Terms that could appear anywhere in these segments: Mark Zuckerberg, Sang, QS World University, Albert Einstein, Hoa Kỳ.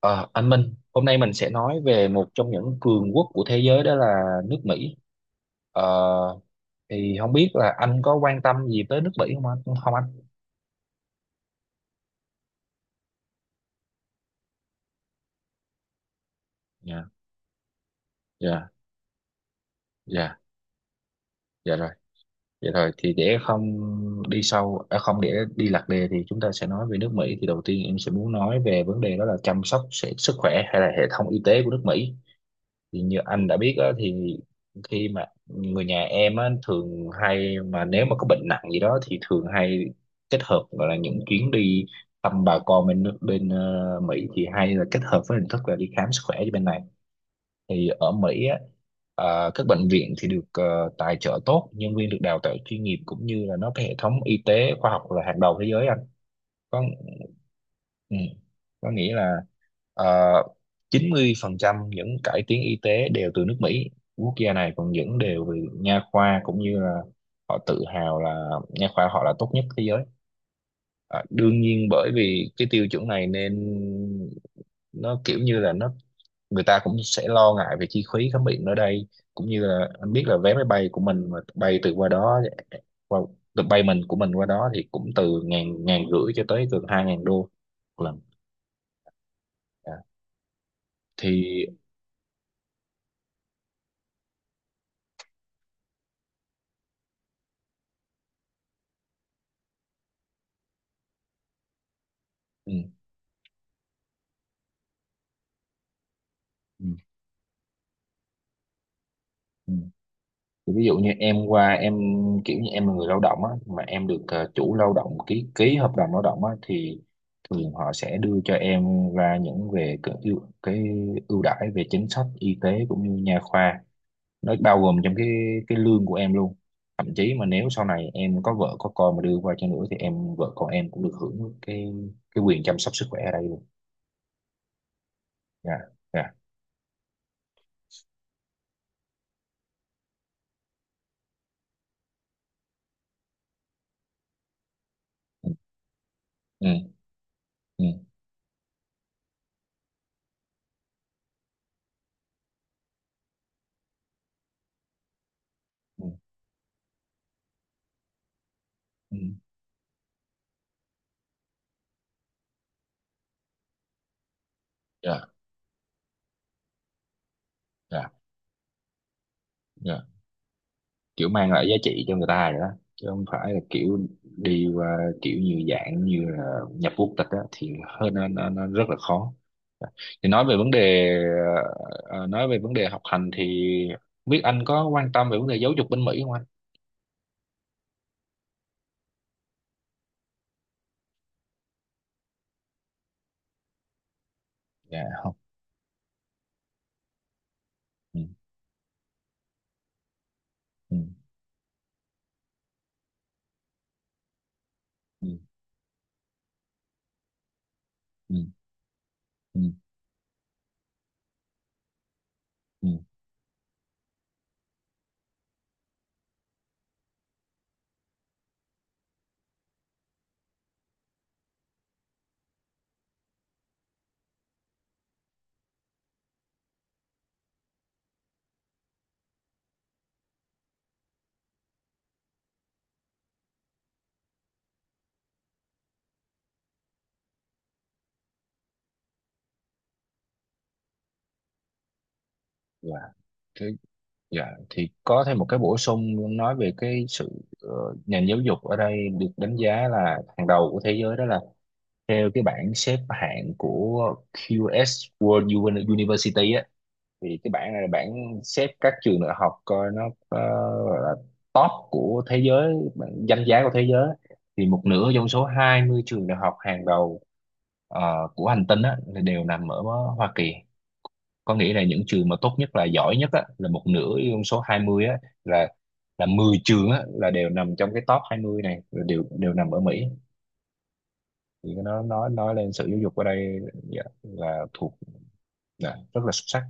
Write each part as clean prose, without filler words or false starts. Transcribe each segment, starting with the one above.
Ờ, anh Minh, hôm nay mình sẽ nói về một trong những cường quốc của thế giới, đó là nước Mỹ. Ờ, thì không biết là anh có quan tâm gì tới nước Mỹ không anh? Không anh? Dạ, dạ, dạ, dạ rồi. Dạ rồi, thì để không đi sâu, à, không, để đi lạc đề thì chúng ta sẽ nói về nước Mỹ. Thì đầu tiên em sẽ muốn nói về vấn đề đó là chăm sóc sức khỏe hay là hệ thống y tế của nước Mỹ. Thì như anh đã biết á, thì khi mà người nhà em á, thường hay mà nếu mà có bệnh nặng gì đó thì thường hay kết hợp gọi là những chuyến đi thăm bà con bên nước bên Mỹ, thì hay là kết hợp với hình thức là đi khám sức khỏe cho bên này. Thì ở Mỹ á, các bệnh viện thì được tài trợ tốt, nhân viên được đào tạo chuyên nghiệp, cũng như là nó cái hệ thống y tế khoa học là hàng đầu thế giới. Có ừ, có nghĩa là uh, 90% những cải tiến y tế đều từ nước Mỹ. Quốc gia này còn những đều về nha khoa, cũng như là họ tự hào là nha khoa họ là tốt nhất thế giới. Ờ, đương nhiên bởi vì cái tiêu chuẩn này nên nó kiểu như là nó người ta cũng sẽ lo ngại về chi phí khám bệnh ở đây, cũng như là anh biết là vé máy bay của mình mà bay từ qua đó, qua, từ bay mình của mình qua đó thì cũng từ ngàn, ngàn rưỡi cho tới gần hai ngàn đô một lần. Dạ. Thì ừ, ừ, ừ. Thì ví dụ như em qua em kiểu như em là người lao động á, mà em được chủ lao động ký ký hợp đồng lao động á thì thường họ sẽ đưa cho em ra những về cái ưu đãi về chính sách y tế cũng như nha khoa, nó bao gồm trong cái lương của em luôn. Thậm chí mà nếu sau này em có vợ có con mà đưa qua cho nữa thì em vợ con em cũng được hưởng cái quyền chăm sóc sức khỏe ở đây luôn. Dạ, dạ, ừ, ừ, ừ, ừ, ừ. Dạ, dạ, dạ, kiểu mang lại giá trị cho người ta rồi đó, chứ không phải là kiểu đi qua kiểu như dạng như là nhập quốc tịch á thì hơi nó rất là khó. Thì nói về vấn đề ờ, nói về vấn đề học hành thì biết anh có quan tâm về vấn đề giáo dục bên Mỹ không anh? Dạ không. ừ, ừ, ừ, ừ, ừ. Dạ, thế, dạ. Thì có thêm một cái bổ sung nói về cái sự ờ, nền giáo dục ở đây được đánh giá là hàng đầu của thế giới, đó là theo cái bảng xếp hạng của QS University á, thì cái bảng này là bảng xếp các trường đại học coi nó ờ, gọi là top của thế giới, bảng danh giá của thế giới. Thì một nửa trong số 20 trường đại học hàng đầu ờ, của hành tinh á thì đều nằm ở Hoa Kỳ. Có nghĩa là những trường mà tốt nhất là giỏi nhất á, là một nửa trong số 20 á, là là 10 trường á, là đều nằm trong cái top 20 này, là đều đều nằm ở Mỹ. Thì nó nói lên sự giáo dục ở đây. Dạ, là thuộc dạ, rất là xuất sắc.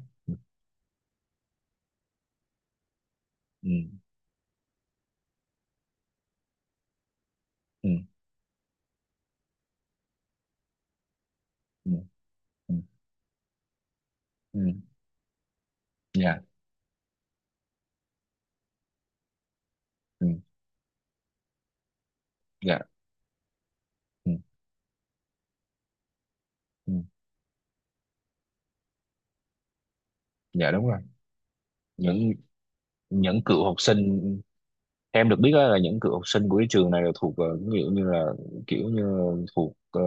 Ừ, ừ, ừ, ừ, ừ, ừ, dạ, ừ, dạ, ừ, ừ, dạ đúng rồi. những những cựu học sinh. Em được biết á, là những cựu học sinh của cái trường này là thuộc kiểu như là kiểu như thuộc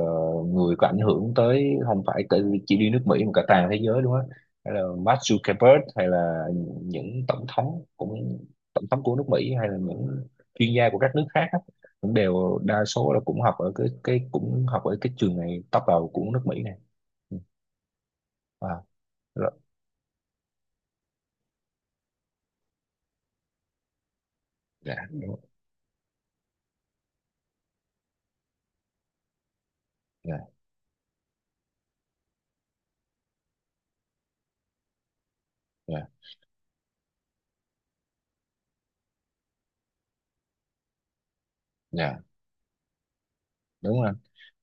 người có ảnh hưởng tới, không phải tới chỉ đi nước Mỹ mà cả toàn thế giới luôn á, hay là Mark Zuckerberg, hay là những tổng thống cũng tổng thống của nước Mỹ, hay là những chuyên gia của các nước khác á, cũng đều đa số là cũng học ở cái cũng học ở cái trường này top đầu của nước Mỹ này. Ừ. Wow. Rồi. Dạ đúng rồi. Dạ, dạ, dạ đúng rồi,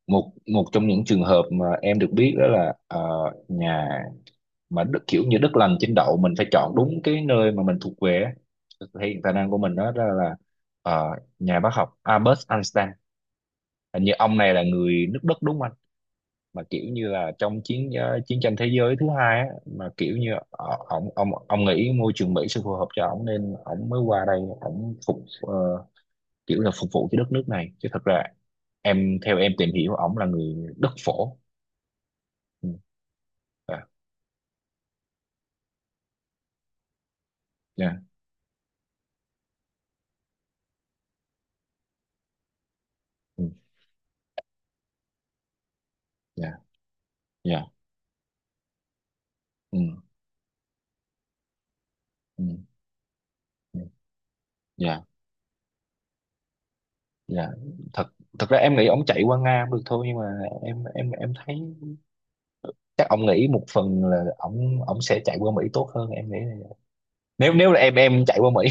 một một trong những trường hợp mà em được biết đó là nhà mà đức kiểu như đất lành trên đậu, mình phải chọn đúng cái nơi mà mình thuộc về á, hiện tài năng của mình, đó là ờ, nhà bác học Albert Einstein. Hình như ông này là người nước Đức đúng không anh? Mà kiểu như là chiến tranh thế giới thứ hai á, mà kiểu như ông nghĩ môi trường Mỹ sẽ phù hợp cho ông nên ông mới qua đây ông phục kiểu là phục vụ cho đất nước này, chứ thật ra em theo em tìm hiểu ông là người đất phổ. Ừ. Dạ, dạ, ừ. Dạ, dạ, ừ. Ừ. Ừ. Dạ, dạ, thật thật ra em nghĩ ông chạy qua Nga cũng được thôi, nhưng mà em thấy chắc ông nghĩ một phần là ông sẽ chạy qua Mỹ tốt hơn em nghĩ là- vậy. Nếu nếu là em chạy qua Mỹ.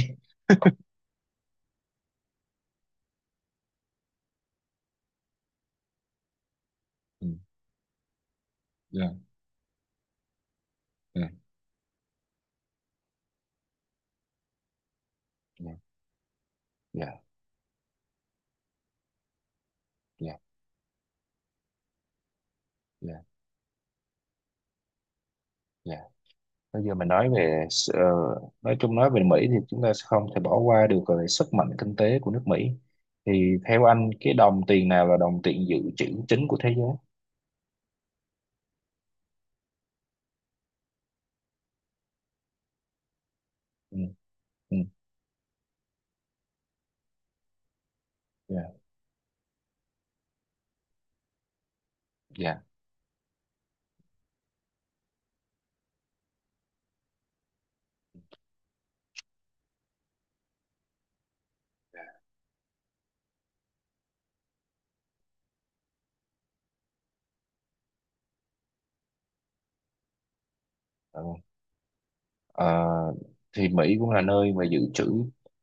Ừ, dạ, dạ, dạ, dạ, dạ, dạ, dạ. Bây giờ mình nói về nói chung nói về Mỹ thì chúng ta sẽ không thể bỏ qua được về sức mạnh kinh tế của nước Mỹ. Thì theo anh cái đồng tiền nào là đồng tiền dự trữ chính của thế giới? Ừ, ừ, dạ, dạ, ừ. Ờ, thì Mỹ cũng là nơi mà dự trữ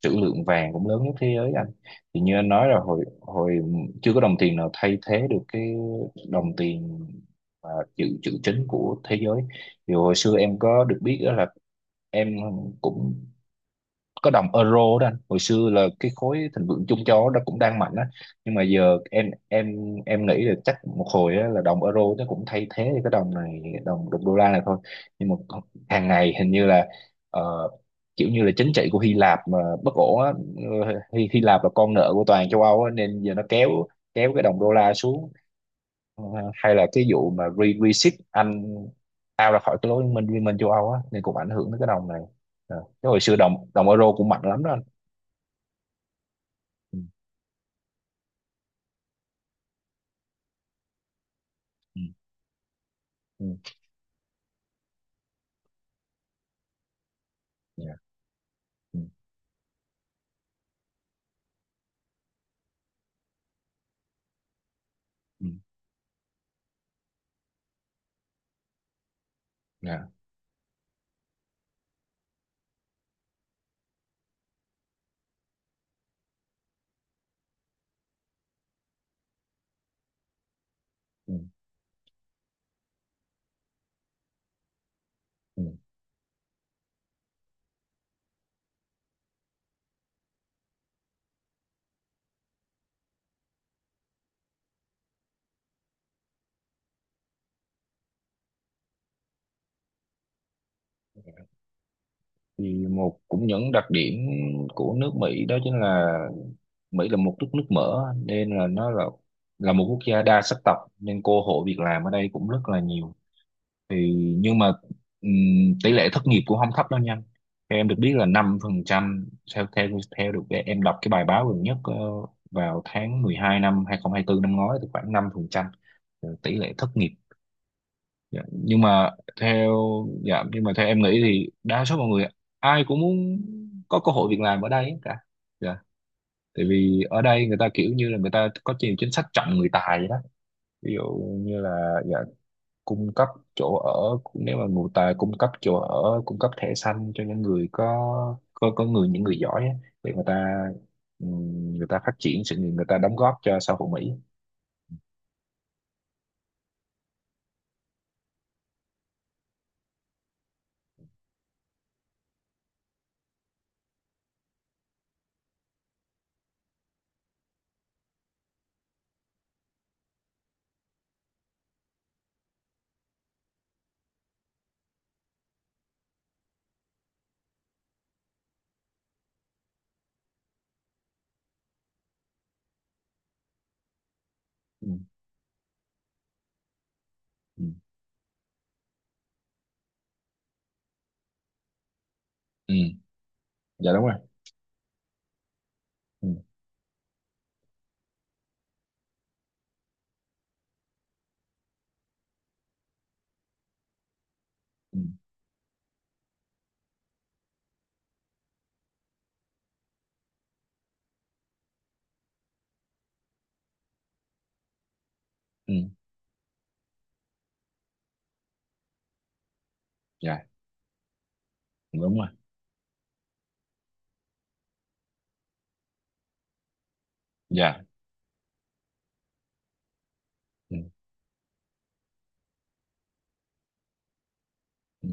trữ lượng vàng cũng lớn nhất thế giới anh. Thì như anh nói là hồi hồi chưa có đồng tiền nào thay thế được cái đồng tiền mà dự trữ chính của thế giới. Thì hồi xưa em có được biết đó là em cũng có đồng euro đó anh, hồi xưa là cái khối thịnh vượng chung châu Âu đó cũng đang mạnh á, nhưng mà giờ em nghĩ là chắc một hồi á, là đồng euro nó cũng thay thế cái đồng này đồng đồng đô la này thôi. Nhưng mà hàng ngày hình như là ờ, kiểu như là chính trị của Hy Lạp mà bất ổn á. Ờ, Hy Lạp là con nợ của toàn châu Âu á, nên giờ nó kéo kéo cái đồng đô la xuống. Ờ, hay là cái vụ mà reship Anh out ra khỏi cái lối liên minh châu Âu á, nên cũng ảnh hưởng đến cái đồng này. Ờ, chứ hồi xưa đồng đồng euro cũng mạnh lắm đó anh. Ừ, ừ, ừ, dạ, ừ, ừ, dạ, ừ, ừ. Thì một cũng những đặc điểm của nước Mỹ đó chính là Mỹ là một nước nước mở nên là nó là một quốc gia đa sắc tộc, nên cơ hội việc làm ở đây cũng rất là nhiều. Thì nhưng mà ừm, tỷ lệ thất nghiệp cũng không thấp đâu nha. Theo em được biết là 5%, theo theo theo được cái- em đọc cái bài báo gần nhất vào tháng 12 năm 2024 năm ngoái thì khoảng 5% tỷ lệ thất nghiệp. Dạ. Nhưng mà theo dạ nhưng mà theo em nghĩ thì đa số mọi người ai cũng muốn có cơ hội việc làm ở đây hết cả. Dạ, tại vì ở đây người ta kiểu như là người ta có nhiều chính sách trọng người tài vậy đó. Ví dụ như là dạ, cung cấp chỗ ở, nếu mà người ta cung cấp chỗ ở cung cấp thẻ xanh cho những người có có người những người giỏi á, để người ta phát triển sự nghiệp, người ta đóng góp cho xã hội Mỹ. Ừ. Ừ. Ừ. Dạ đúng rồi. Ừ. Ừ. Ừ. Dạ đúng rồi. Dạ. Ừ. Ừ.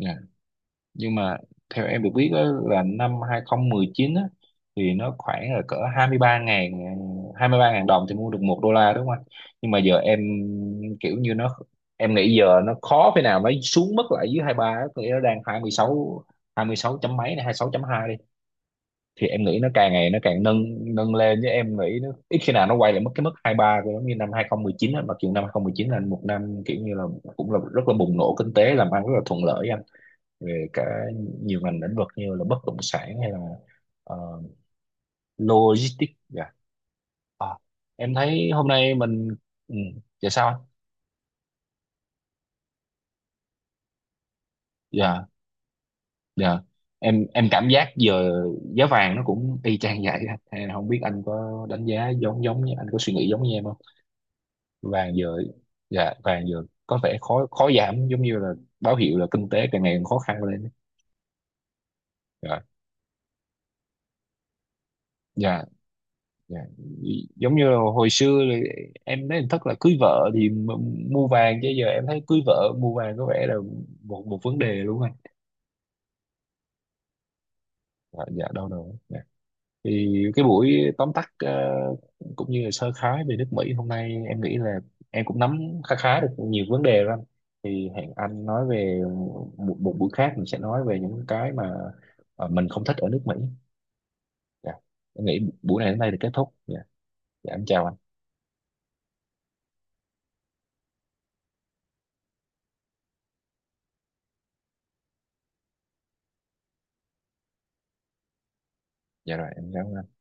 Dạ nhưng mà theo em được biết á, là năm 2019 á, thì nó khoảng là cỡ 23.000, đồng thì mua được một đô la đúng không anh? Nhưng mà giờ em kiểu như nó em nghĩ giờ nó khó thế nào mới xuống mất lại dưới 23 á, có nghĩa nó đang 26 chấm mấy này, 26.2 đi. Thì em nghĩ nó càng ngày nó càng nâng nâng lên, chứ em nghĩ nó ít khi nào nó quay lại mất cái mức 23 của giống như năm 2019 á, mặc dù năm 2019 là một năm kiểu như là cũng là rất là bùng nổ kinh tế, làm ăn rất là thuận lợi về cả nhiều ngành lĩnh vực như là bất động sản hay là ờ, logistics dạ. À, em thấy hôm nay mình ừ, dạ sao anh? Dạ, dạ em cảm giác giờ giá vàng nó cũng y chang vậy á. Hay là không biết anh có đánh giá giống giống như anh có suy nghĩ giống như em không? Vàng giờ dạ vàng giờ có vẻ khó khó giảm giống như là báo hiệu là kinh tế càng ngày càng khó khăn lên. Dạ, dạ, Dạ, giống như là hồi xưa là em nói hình thức là cưới vợ thì mua vàng, chứ giờ em thấy cưới vợ mua vàng có vẻ là một một vấn đề luôn anh. Dạ, dạ đâu đâu dạ. Thì cái buổi tóm tắt cũng như là sơ khái về nước Mỹ hôm nay em nghĩ là em cũng nắm khá khá được nhiều vấn đề rồi anh. Thì hẹn anh nói về một buổi khác mình sẽ nói về những cái mà mình không thích ở nước Mỹ. Dạ. Em nghĩ buổi này đến đây thì kết thúc, dạ, dạ em chào anh. Dạ rồi em chào anh.